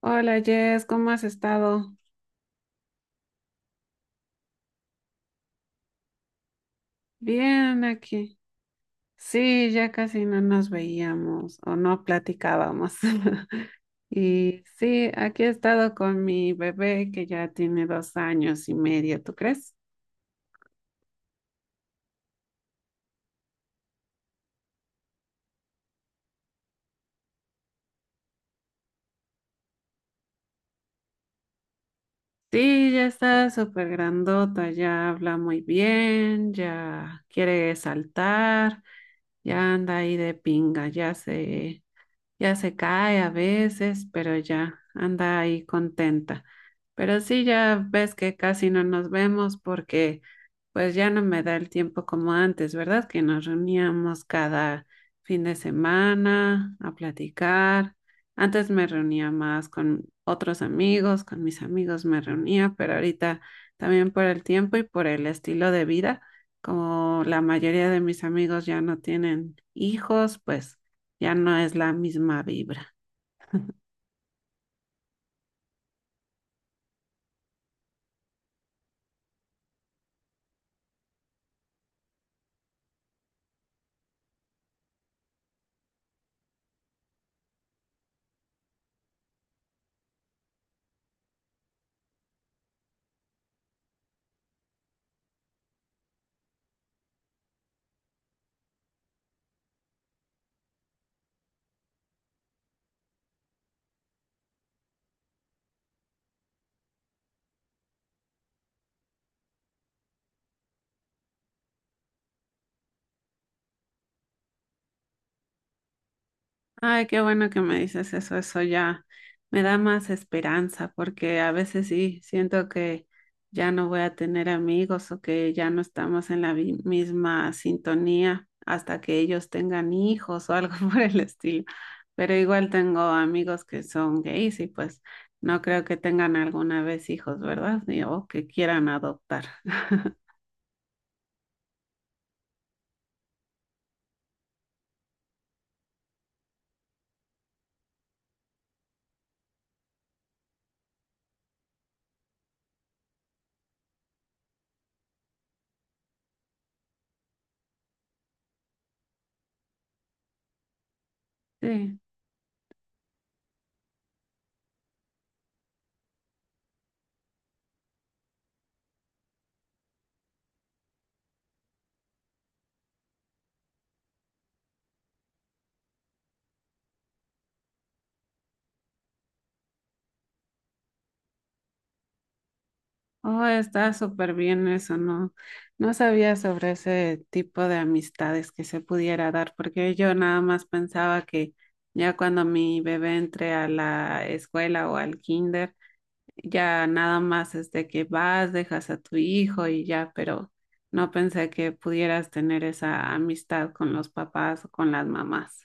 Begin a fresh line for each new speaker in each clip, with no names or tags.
Hola Jess, ¿cómo has estado? Bien aquí. Sí, ya casi no nos veíamos o no platicábamos. Y sí, aquí he estado con mi bebé que ya tiene 2 años y medio, ¿tú crees? Sí, ya está súper grandota, ya habla muy bien, ya quiere saltar, ya anda ahí de pinga, Ya se cae a veces, pero ya anda ahí contenta. Pero sí, ya ves que casi no nos vemos porque pues ya no me da el tiempo como antes, ¿verdad? Que nos reuníamos cada fin de semana a platicar. Antes me reunía más con otros amigos, con mis amigos me reunía, pero ahorita también por el tiempo y por el estilo de vida, como la mayoría de mis amigos ya no tienen hijos, pues ya no es la misma vibra. Ay, qué bueno que me dices eso ya me da más esperanza porque a veces sí siento que ya no voy a tener amigos o que ya no estamos en la misma sintonía hasta que ellos tengan hijos o algo por el estilo. Pero igual tengo amigos que son gays y pues no creo que tengan alguna vez hijos, ¿verdad? O que quieran adoptar. Sí. Oh, está súper bien eso, no, no sabía sobre ese tipo de amistades que se pudiera dar, porque yo nada más pensaba que ya cuando mi bebé entre a la escuela o al kinder, ya nada más es de que vas, dejas a tu hijo y ya, pero no pensé que pudieras tener esa amistad con los papás o con las mamás.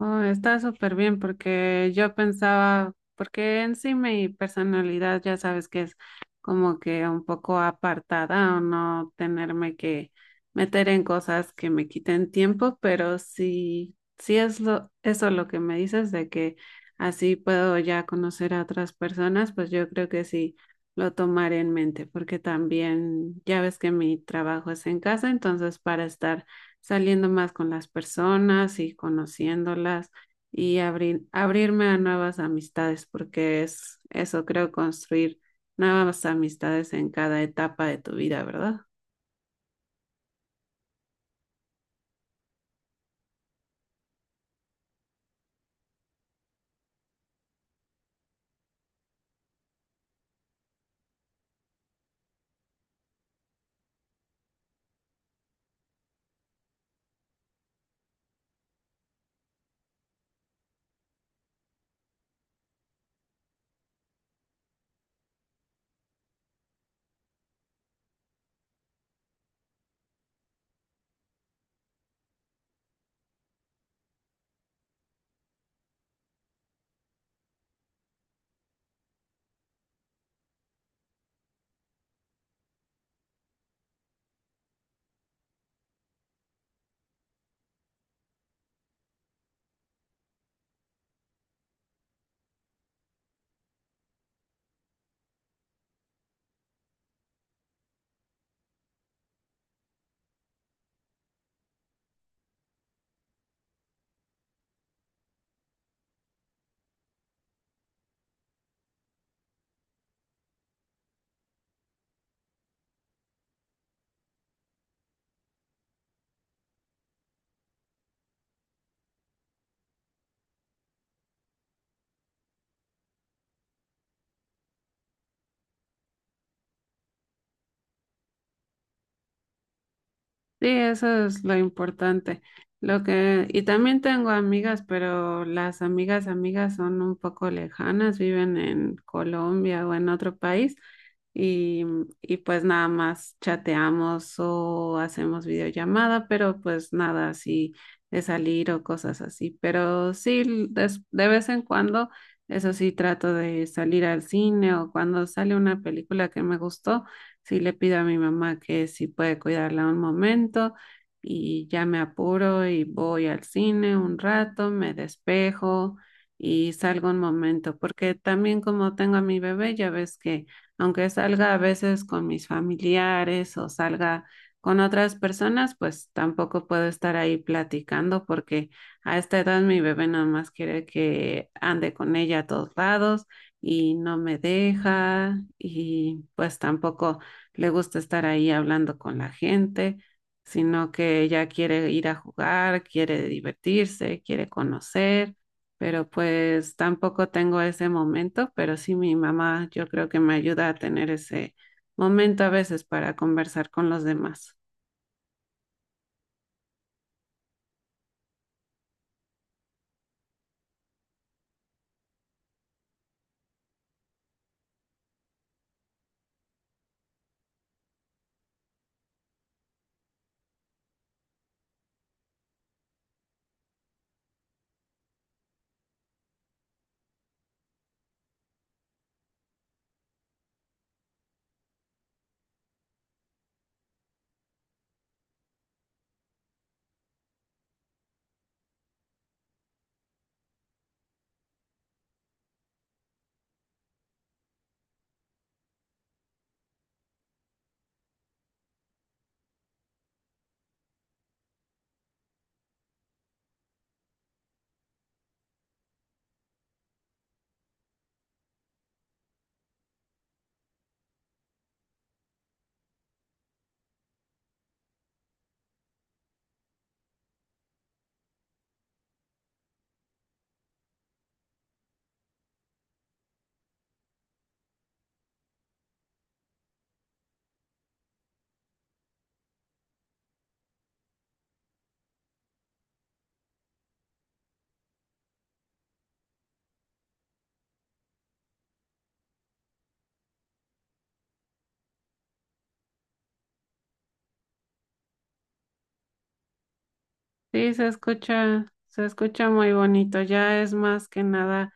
Oh, está súper bien porque yo pensaba, porque en sí mi personalidad ya sabes que es como que un poco apartada o no tenerme que meter en cosas que me quiten tiempo, pero sí, sí es lo, eso lo que me dices de que así puedo ya conocer a otras personas, pues yo creo que sí lo tomaré en mente porque también ya ves que mi trabajo es en casa, entonces para estar saliendo más con las personas y conociéndolas y abrirme a nuevas amistades, porque es eso, creo, construir nuevas amistades en cada etapa de tu vida, ¿verdad? Sí, eso es lo importante. Lo que, y también tengo amigas, pero las amigas, amigas son un poco lejanas, viven en Colombia o en otro país y, y pues nada más chateamos o hacemos videollamada, pero pues nada así de salir o cosas así. Pero sí, de vez en cuando, eso sí, trato de salir al cine o cuando sale una película que me gustó, sí le pido a mi mamá que si puede cuidarla un momento y ya me apuro y voy al cine un rato, me despejo y salgo un momento, porque también como tengo a mi bebé, ya ves que aunque salga a veces con mis familiares o salga con otras personas, pues tampoco puedo estar ahí platicando porque a esta edad mi bebé nada más quiere que ande con ella a todos lados y no me deja y pues tampoco le gusta estar ahí hablando con la gente, sino que ella quiere ir a jugar, quiere divertirse, quiere conocer, pero pues tampoco tengo ese momento, pero sí mi mamá yo creo que me ayuda a tener ese momento a veces para conversar con los demás. Sí, se escucha muy bonito, ya es más que nada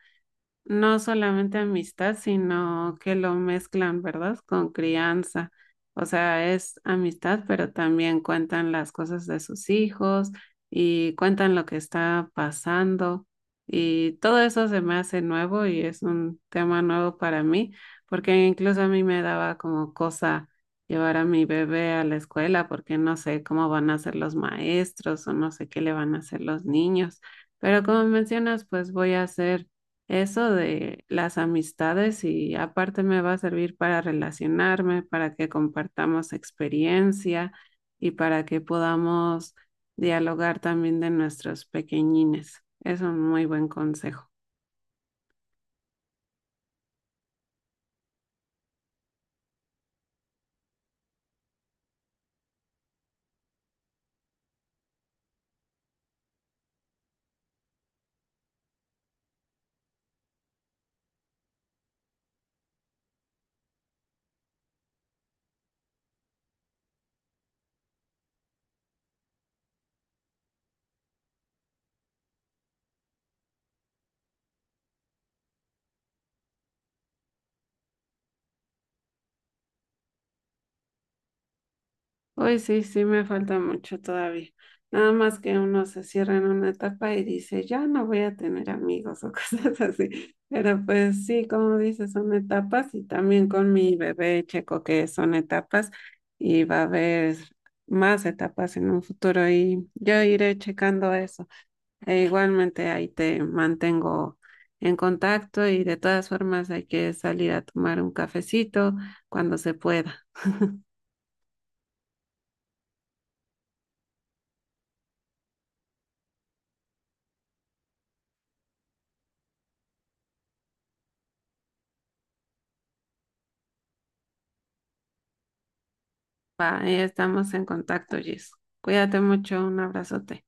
no solamente amistad, sino que lo mezclan, ¿verdad? Con crianza. O sea, es amistad, pero también cuentan las cosas de sus hijos y cuentan lo que está pasando. Y todo eso se me hace nuevo y es un tema nuevo para mí, porque incluso a mí me daba como cosa llevar a mi bebé a la escuela, porque no sé cómo van a ser los maestros o no sé qué le van a hacer los niños. Pero como mencionas, pues voy a hacer eso de las amistades y aparte me va a servir para relacionarme, para que compartamos experiencia y para que podamos dialogar también de nuestros pequeñines. Es un muy buen consejo. Hoy sí, sí me falta mucho todavía. Nada más que uno se cierra en una etapa y dice, ya no voy a tener amigos o cosas así. Pero pues sí, como dices, son etapas y también con mi bebé checo que son etapas y va a haber más etapas en un futuro y yo iré checando eso. E igualmente ahí te mantengo en contacto y de todas formas hay que salir a tomar un cafecito cuando se pueda. Va, ahí estamos en contacto, Jess. Cuídate mucho, un abrazote.